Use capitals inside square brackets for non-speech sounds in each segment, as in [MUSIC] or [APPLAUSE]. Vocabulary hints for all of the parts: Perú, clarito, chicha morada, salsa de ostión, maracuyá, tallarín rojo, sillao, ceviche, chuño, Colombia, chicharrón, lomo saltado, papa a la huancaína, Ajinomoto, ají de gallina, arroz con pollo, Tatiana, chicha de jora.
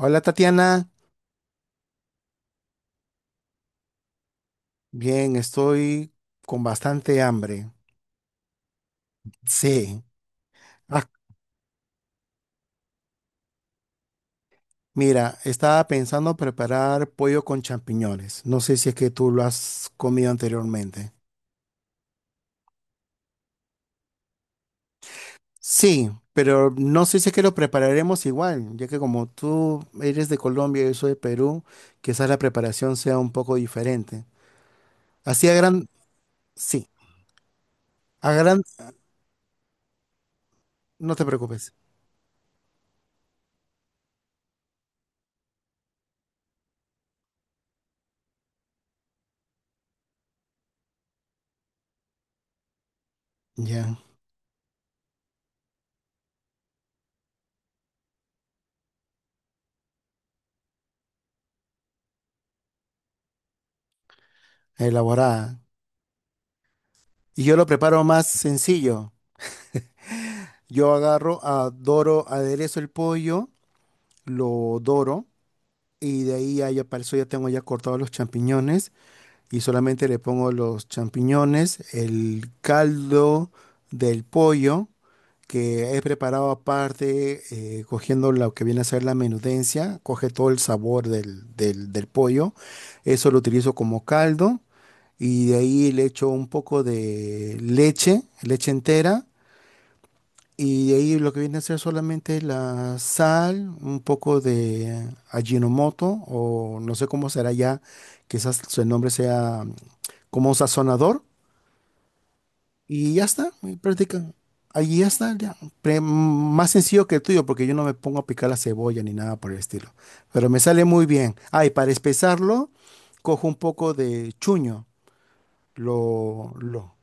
Hola, Tatiana. Bien, estoy con bastante hambre. Sí. Ah, mira, estaba pensando preparar pollo con champiñones. No sé si es que tú lo has comido anteriormente. Sí, pero no sé si es que lo prepararemos igual, ya que como tú eres de Colombia y yo soy de Perú, quizás la preparación sea un poco diferente. Así a gran, sí, a gran, no te preocupes. Ya, elaborada. Y yo lo preparo más sencillo. [LAUGHS] Yo aderezo el pollo, lo doro y de ahí ya, para eso ya tengo ya cortados los champiñones y solamente le pongo los champiñones, el caldo del pollo que he preparado aparte, cogiendo lo que viene a ser la menudencia, coge todo el sabor del pollo. Eso lo utilizo como caldo y de ahí le echo un poco de leche, leche entera, y de ahí lo que viene a ser solamente la sal, un poco de Ajinomoto, o no sé cómo será ya, quizás su nombre sea, como un sazonador, y ya está, y practica. Ahí ya está, ya. Pre- mm, Más sencillo que el tuyo, porque yo no me pongo a picar la cebolla ni nada por el estilo. Pero me sale muy bien. Ah, y para espesarlo, cojo un poco de chuño, lo, lo,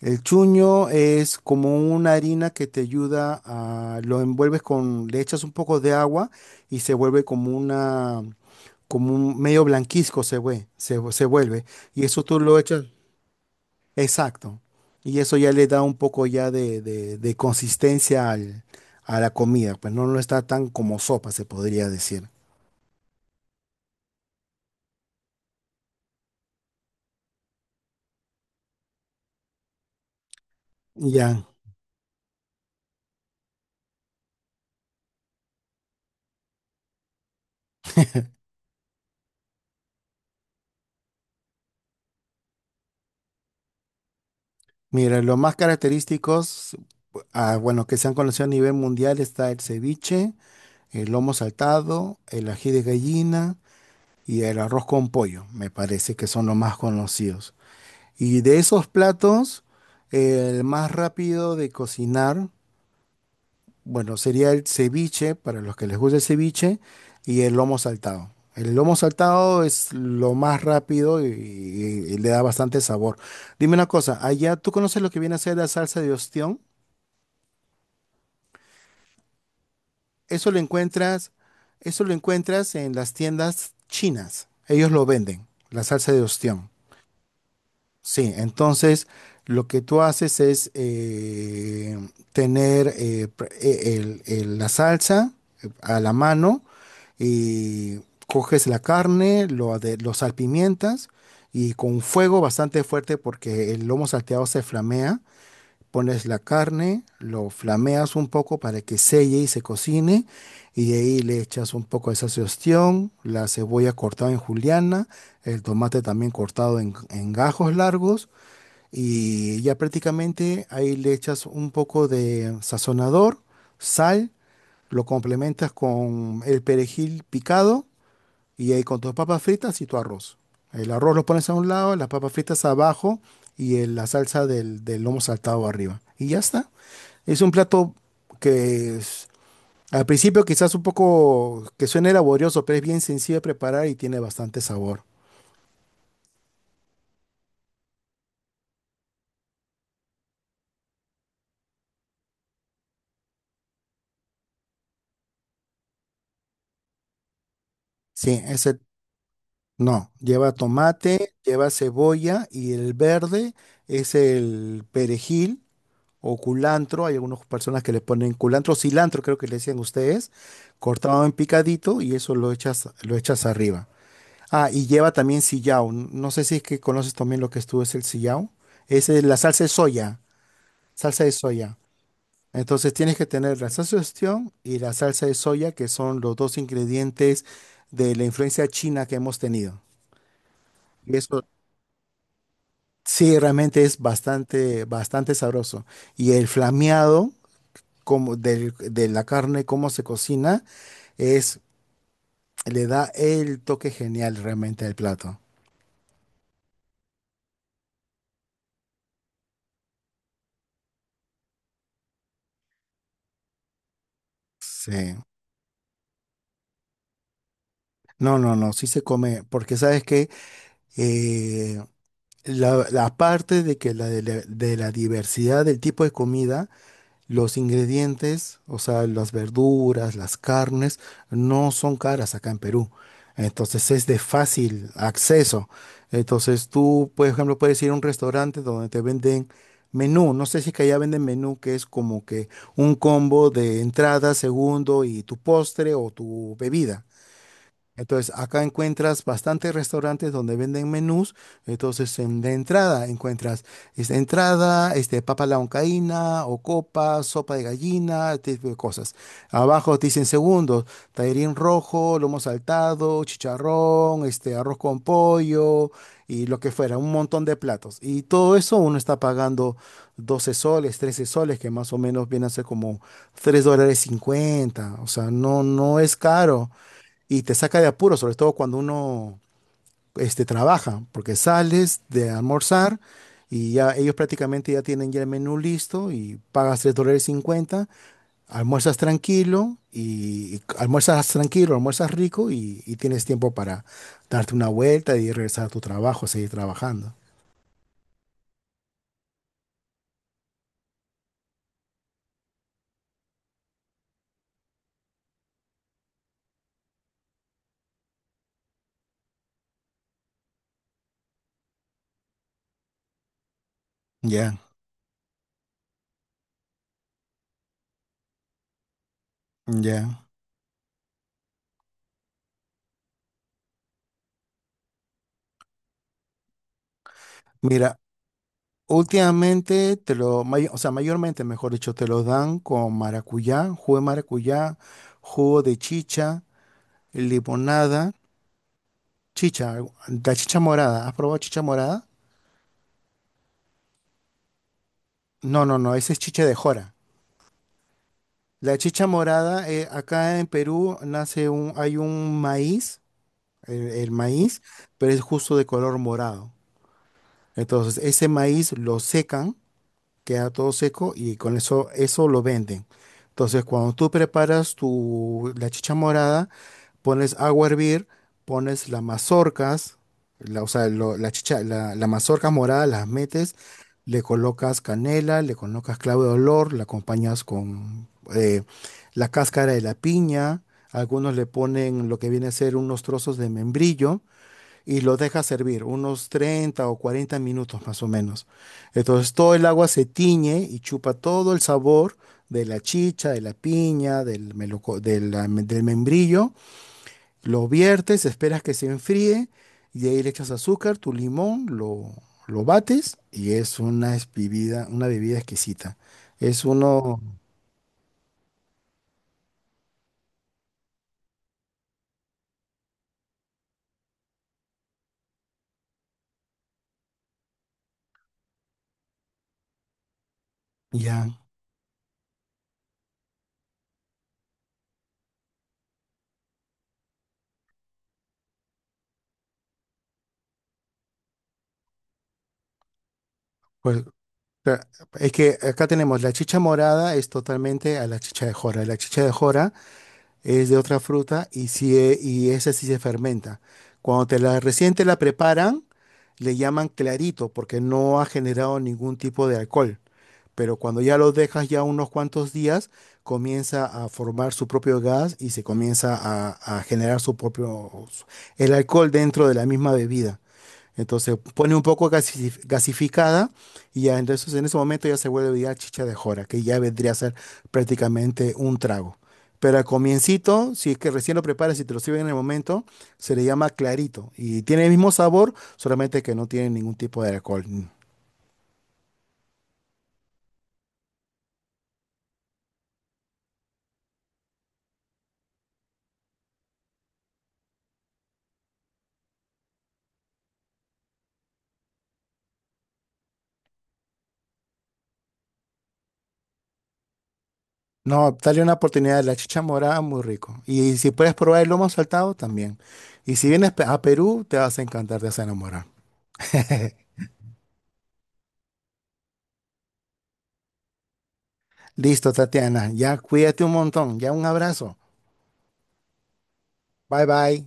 el chuño es como una harina que te ayuda a, lo envuelves con, le echas un poco de agua y se vuelve como una, como un medio blanquizco se vuelve. Y eso tú lo echas, exacto. Y eso ya le da un poco ya de consistencia a la comida, pues no, no está tan como sopa, se podría decir. Ya, mira, los más característicos, ah, bueno, que se han conocido a nivel mundial, está el ceviche, el lomo saltado, el ají de gallina y el arroz con pollo. Me parece que son los más conocidos. Y de esos platos, el más rápido de cocinar, bueno, sería el ceviche, para los que les gusta el ceviche, y el lomo saltado. El lomo saltado es lo más rápido y le da bastante sabor. Dime una cosa, allá tú conoces lo que viene a ser la salsa de ostión. Eso lo encuentras, Eso lo encuentras en las tiendas chinas. Ellos lo venden, la salsa de ostión. Sí, entonces lo que tú haces es tener la salsa a la mano, y coges la carne, lo salpimientas, y con fuego bastante fuerte porque el lomo salteado se flamea, pones la carne, lo flameas un poco para que selle y se cocine, y de ahí le echas un poco de salsa de ostión, la cebolla cortada en juliana, el tomate también cortado en gajos largos, y ya prácticamente ahí le echas un poco de sazonador, sal, lo complementas con el perejil picado, y ahí con tus papas fritas y tu arroz. El arroz lo pones a un lado, las papas fritas abajo, y la salsa del lomo saltado arriba. Y ya está. Es un plato que es- al principio quizás un poco que suene laborioso, pero es bien sencillo de preparar y tiene bastante sabor. Sí, ese no, lleva tomate, lleva cebolla, y el verde es el perejil o culantro. Hay algunas personas que le ponen culantro, cilantro creo que le decían ustedes, cortado en picadito, y eso lo echas arriba. Ah, y lleva también sillao. No sé si es que conoces también lo que es tú, es el sillao. Esa es la salsa de soya, salsa de soya. Entonces tienes que tener la salsa de ostión y la salsa de soya, que son los dos ingredientes de la influencia china que hemos tenido. Y eso sí realmente es bastante, bastante sabroso. Y el flameado como de la carne, cómo se cocina, es, le da el toque genial realmente al plato. Sí. No, no, no, sí se come, porque sabes que la parte de la diversidad del tipo de comida, los ingredientes, o sea, las verduras, las carnes, no son caras acá en Perú. Entonces es de fácil acceso. Entonces tú, por ejemplo, puedes ir a un restaurante donde te venden menú. No sé si es que allá venden menú, que es como que un combo de entrada, segundo y tu postre o tu bebida. Entonces, acá encuentras bastantes restaurantes donde venden menús. Entonces, de entrada encuentras esta entrada, este, papa a la huancaína, o sopa de gallina, este tipo de cosas. Abajo te dicen segundos, tallarín rojo, lomo saltado, chicharrón, este, arroz con pollo y lo que fuera, un montón de platos. Y todo eso uno está pagando 12 soles, 13 soles, que más o menos viene a ser como $3.50. O sea, no, no es caro, y te saca de apuro, sobre todo cuando uno, este, trabaja, porque sales de almorzar y ya ellos prácticamente ya tienen ya el menú listo, y pagas $3.50, almuerzas tranquilo, almuerzas rico y tienes tiempo para darte una vuelta y regresar a tu trabajo, seguir trabajando. Ya, ya. Mira, últimamente o sea, mayormente, mejor dicho, te lo dan con maracuyá, jugo de chicha, limonada, chicha, la chicha morada. ¿Has probado chicha morada? No, no, no, esa es chicha de jora. La chicha morada, acá en Perú nace un, hay un maíz, el maíz, pero es justo de color morado. Entonces, ese maíz lo secan, queda todo seco y con eso lo venden. Entonces, cuando tú preparas la chicha morada, pones agua a hervir, pones las mazorcas, la, o sea, lo- la chicha, la mazorca morada, las metes, le colocas canela, le colocas clavo de olor, la acompañas con, eh, la cáscara de la piña, algunos le ponen lo que viene a ser unos trozos de membrillo, y lo dejas servir unos 30 o 40 minutos más o menos. Entonces todo el agua se tiñe y chupa todo el sabor de la chicha, de la piña, del, meloco- de la- del membrillo. Lo viertes, esperas que se enfríe, y de ahí le echas azúcar, tu limón, lo bates, y es una bebida exquisita. Es uno, ya. Pues, o sea, es que acá tenemos la chicha morada, es totalmente a la chicha de jora. La chicha de jora es de otra fruta y, si, e- y esa sí se fermenta. Cuando te la recién te la preparan, le llaman clarito porque no ha generado ningún tipo de alcohol. Pero cuando ya lo dejas ya unos cuantos días, comienza a formar su propio gas y se comienza a generar el alcohol dentro de la misma bebida. Entonces pone un poco gasificada, y ya entonces en ese momento ya se vuelve ya chicha de jora, que ya vendría a ser prácticamente un trago. Pero al comiencito, si es que recién lo preparas y te lo sirven en el momento, se le llama clarito y tiene el mismo sabor, solamente que no tiene ningún tipo de alcohol. No, dale una oportunidad, la chicha morada, muy rico. Y si puedes probar el lomo saltado, también. Y si vienes a Perú, te vas a encantar, te vas a enamorar. [LAUGHS] Listo, Tatiana, ya cuídate un montón, ya un abrazo. Bye bye.